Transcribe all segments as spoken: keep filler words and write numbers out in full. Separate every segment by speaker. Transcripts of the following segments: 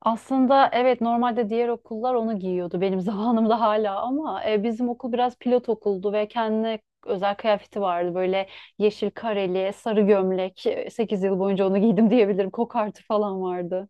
Speaker 1: Aslında evet normalde diğer okullar onu giyiyordu benim zamanımda hala ama e, bizim okul biraz pilot okuldu ve kendine özel kıyafeti vardı. Böyle yeşil kareli, sarı gömlek. E, sekiz yıl boyunca onu giydim diyebilirim. Kokartı falan vardı.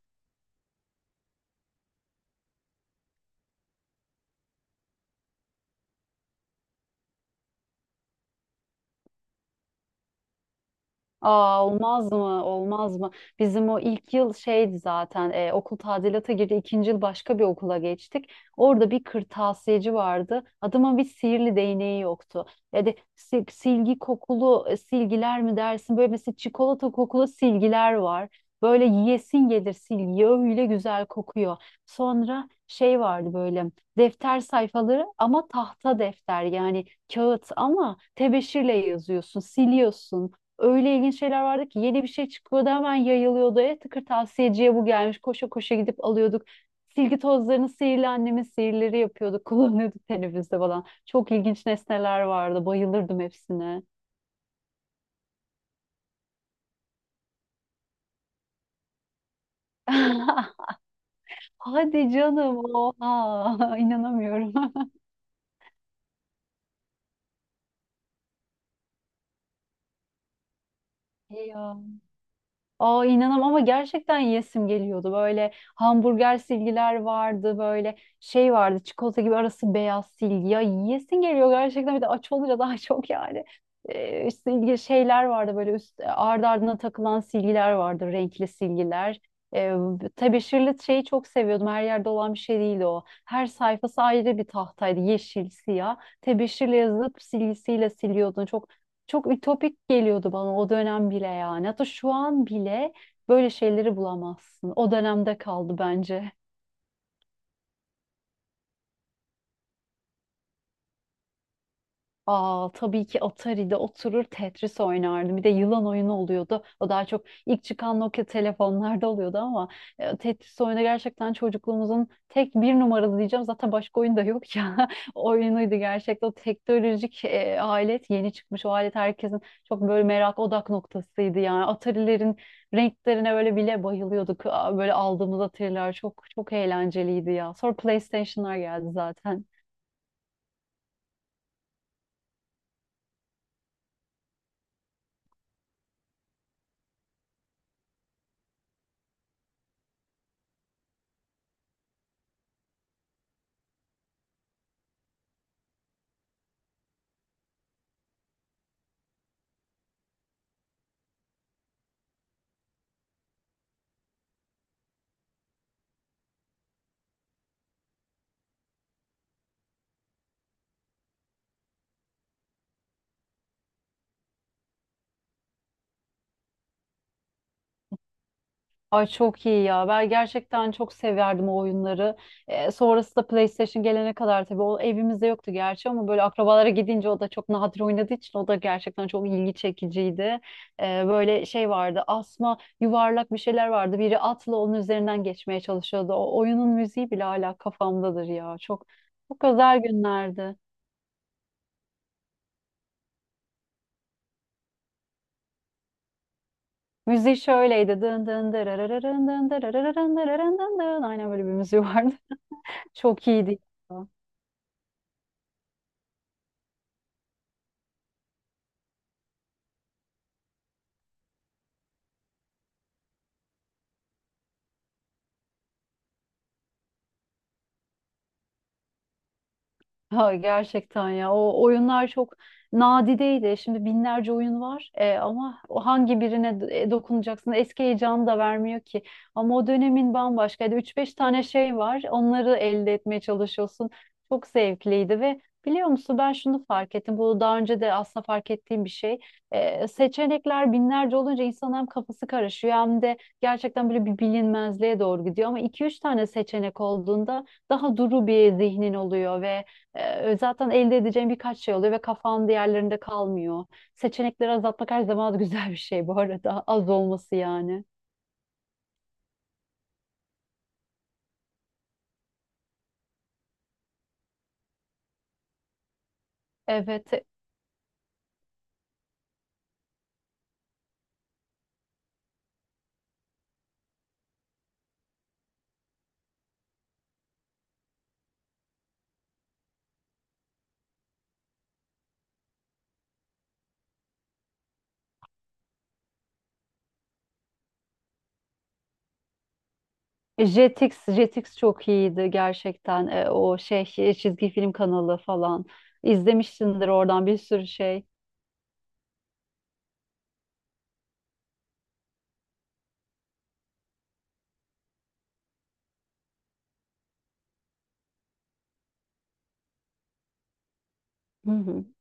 Speaker 1: Aa, olmaz mı? Olmaz mı? Bizim o ilk yıl şeydi zaten, e, okul tadilata girdi. İkinci yıl başka bir okula geçtik. Orada bir kırtasiyeci vardı. Adamın bir sihirli değneği yoktu. Yani si- silgi kokulu e, silgiler mi dersin? Böyle mesela çikolata kokulu silgiler var. Böyle yiyesin gelir silgi. Öyle güzel kokuyor. Sonra şey vardı, böyle defter sayfaları ama tahta defter yani, kağıt ama tebeşirle yazıyorsun, siliyorsun, öyle ilginç şeyler vardı ki, yeni bir şey çıkıyordu, hemen yayılıyordu. E, tıkır tavsiyeciye bu gelmiş. Koşa koşa gidip alıyorduk. Silgi tozlarını sihirli annemin sihirleri yapıyorduk. Kullanıyorduk teneffüste falan. Çok ilginç nesneler vardı. Bayılırdım hepsine. Hadi canım. Oha. inanamıyorum. Ya. Aa, inanam ama gerçekten yesim geliyordu. Böyle hamburger silgiler vardı, böyle şey vardı, çikolata gibi arası beyaz silgi. Ya, yiyesin geliyor gerçekten, bir de aç olunca daha çok yani. Ee, silgi şeyler vardı, böyle üst ardı ardına takılan silgiler vardı, renkli silgiler. Ee, Tebeşirli şeyi çok seviyordum. Her yerde olan bir şey değildi o. Her sayfası ayrı bir tahtaydı. Yeşil, siyah. Tebeşirle yazıp silgisiyle siliyordun. Çok çok ütopik geliyordu bana o dönem bile yani. Hatta şu an bile böyle şeyleri bulamazsın. O dönemde kaldı bence. Aa, tabii ki Atari'de oturur Tetris oynardım. Bir de yılan oyunu oluyordu. O daha çok ilk çıkan Nokia telefonlarda oluyordu ama e, Tetris oyunu gerçekten çocukluğumuzun tek bir numaralı diyeceğim. Zaten başka oyun da yok ya. O oyunuydu gerçekten. O teknolojik e, alet yeni çıkmış. O alet herkesin çok böyle merak odak noktasıydı yani. Atari'lerin renklerine böyle bile bayılıyorduk. Aa, Böyle aldığımız Atari'ler çok çok eğlenceliydi ya. Sonra PlayStation'lar geldi zaten. Ay, çok iyi ya. Ben gerçekten çok severdim o oyunları. Ee, sonrası da PlayStation gelene kadar tabii o evimizde yoktu gerçi, ama böyle akrabalara gidince o da çok nadir oynadığı için o da gerçekten çok ilgi çekiciydi. Ee, böyle şey vardı. Asma yuvarlak bir şeyler vardı. Biri atla onun üzerinden geçmeye çalışıyordu. O oyunun müziği bile hala kafamdadır ya. Çok çok özel günlerdi. Müziği şöyleydi. Dın dın dırarırın dın dırarırın dırarırın dın dın. Aynen böyle bir müziği vardı. Çok iyiydi. Ha, gerçekten ya, o oyunlar çok nadideydi. Şimdi binlerce oyun var, E, ama o hangi birine d- e, dokunacaksın, eski heyecanı da vermiyor ki. Ama o dönemin bambaşkaydı. üç beş tane şey var, onları elde etmeye çalışıyorsun. Çok zevkliydi ve biliyor musun, ben şunu fark ettim. Bu daha önce de aslında fark ettiğim bir şey. E, seçenekler binlerce olunca insanın hem kafası karışıyor hem de gerçekten böyle bir bilinmezliğe doğru gidiyor. Ama iki üç tane seçenek olduğunda daha duru bir zihnin oluyor ve ee, zaten elde edeceğin birkaç şey oluyor ve kafan diğerlerinde kalmıyor. Seçenekleri azaltmak her zaman güzel bir şey bu arada. Az olması yani. Evet. Jetix, Jetix çok iyiydi gerçekten. Ee, o şey, e, çizgi film kanalı falan. İzlemişsindir oradan bir sürü şey. Hı hı.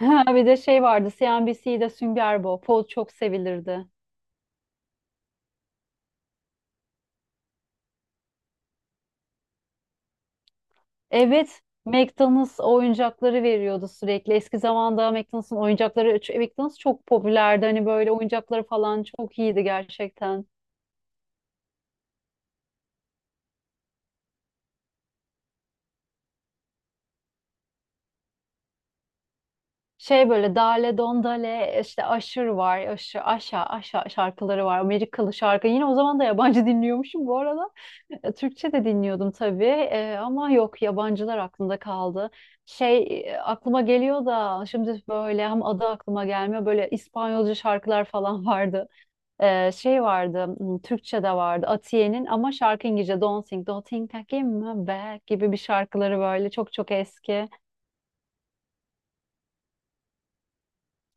Speaker 1: Ha, bir de şey vardı. C N B C'de Sünger Bob. O çok sevilirdi. Evet, McDonald's oyuncakları veriyordu sürekli. Eski zamanda McDonald's'ın oyuncakları, ç- McDonald's çok popülerdi. Hani böyle oyuncakları falan çok iyiydi gerçekten. Şey böyle Dale Don Dale işte Aşır var. Aşır, Aşa, Aşa şarkıları var. Amerikalı şarkı. Yine o zaman da yabancı dinliyormuşum bu arada. E, Türkçe de dinliyordum tabii. E, ama yok, yabancılar aklımda kaldı. Şey, e, aklıma geliyor da şimdi böyle, hem adı aklıma gelmiyor. Böyle İspanyolca şarkılar falan vardı. Ee, şey vardı, hmm, Türkçe'de vardı Atiye'nin ama şarkı İngilizce, Don't Think, Don't Think I Came Back gibi bir şarkıları, böyle çok çok eski.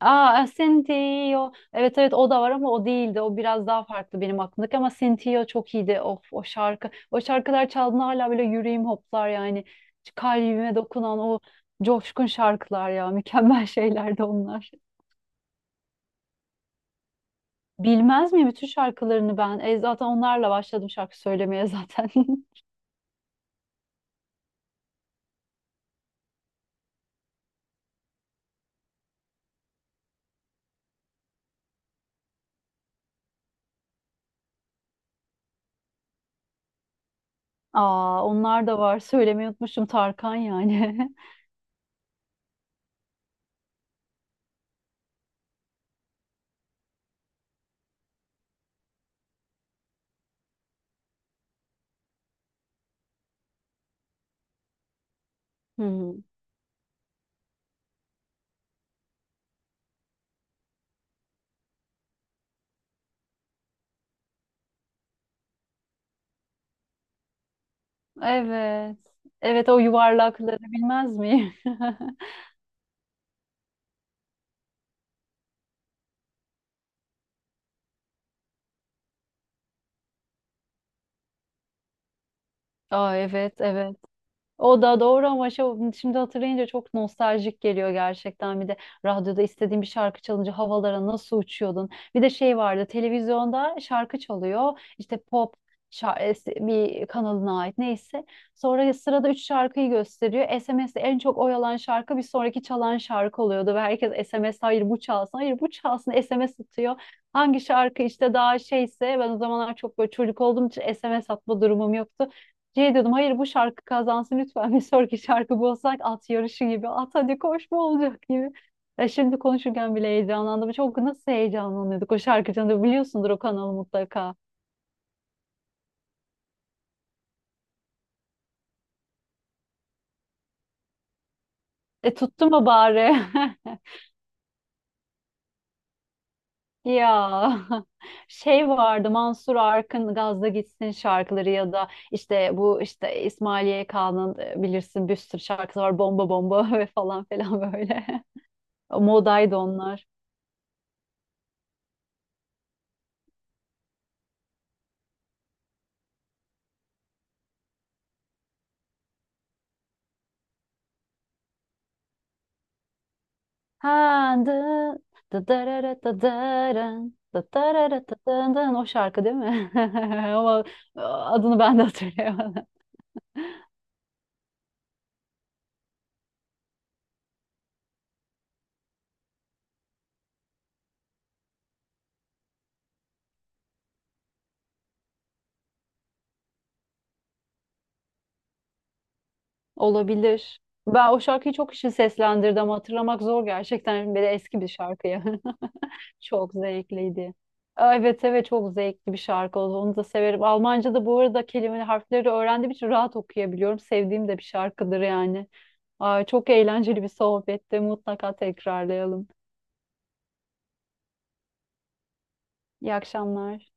Speaker 1: Aa, e, Cynthia. Evet evet, o da var ama o değildi. O biraz daha farklı benim aklımdaki, ama Cynthia çok iyiydi. Of, o şarkı. O şarkılar çaldığında hala böyle yüreğim hoplar yani. Kalbime dokunan o coşkun şarkılar ya. Mükemmel şeylerdi onlar. Bilmez miyim bütün şarkılarını ben? E, zaten onlarla başladım şarkı söylemeye zaten. Aa, onlar da var. Söylemeyi unutmuşum Tarkan yani. Hmm. Evet. Evet, o yuvarlakları bilmez miyim? Aa, evet evet. O da doğru, ama şu- şimdi hatırlayınca çok nostaljik geliyor gerçekten. Bir de radyoda istediğin bir şarkı çalınca havalara nasıl uçuyordun. Bir de şey vardı, televizyonda şarkı çalıyor. İşte pop şa- es- bir kanalına ait neyse. Sonra sırada üç şarkıyı gösteriyor. S M S'de en çok oyalan şarkı bir sonraki çalan şarkı oluyordu. Ve herkes S M S, hayır bu çalsın, hayır bu çalsın S M S atıyor. Hangi şarkı işte daha şeyse, ben o zamanlar çok böyle çocuk olduğum için S M S atma durumum yoktu. Şey diyordum, hayır bu şarkı kazansın lütfen, bir sonraki şarkı bu olsak, at yarışı gibi, at hadi koş, bu olacak gibi. Ya, şimdi konuşurken bile heyecanlandım. Çok nasıl heyecanlanıyorduk o şarkı, canında biliyorsundur o kanalı mutlaka. E tuttu mu bari? Ya, şey vardı, Mansur Arkın Gazla Gitsin şarkıları ya da işte, bu işte İsmail Y K'nın e, bilirsin bir sürü şarkısı var, Bomba Bomba ve falan filan böyle. Modaydı onlar. Ha, dın, da darara da daran, da darara da dın dın. O şarkı değil mi? Ama e, adını ben de hatırlayamadım. Olabilir. Ben o şarkıyı çok kişi seslendirdi, ama hatırlamak zor gerçekten. Bir de eski bir şarkı ya. Çok zevkliydi. Aa, evet evet, çok zevkli bir şarkı oldu. Onu da severim. Almanca'da bu arada kelimeleri, harfleri öğrendiğim için rahat okuyabiliyorum. Sevdiğim de bir şarkıdır yani. Aa, çok eğlenceli bir sohbetti. Mutlaka tekrarlayalım. İyi akşamlar.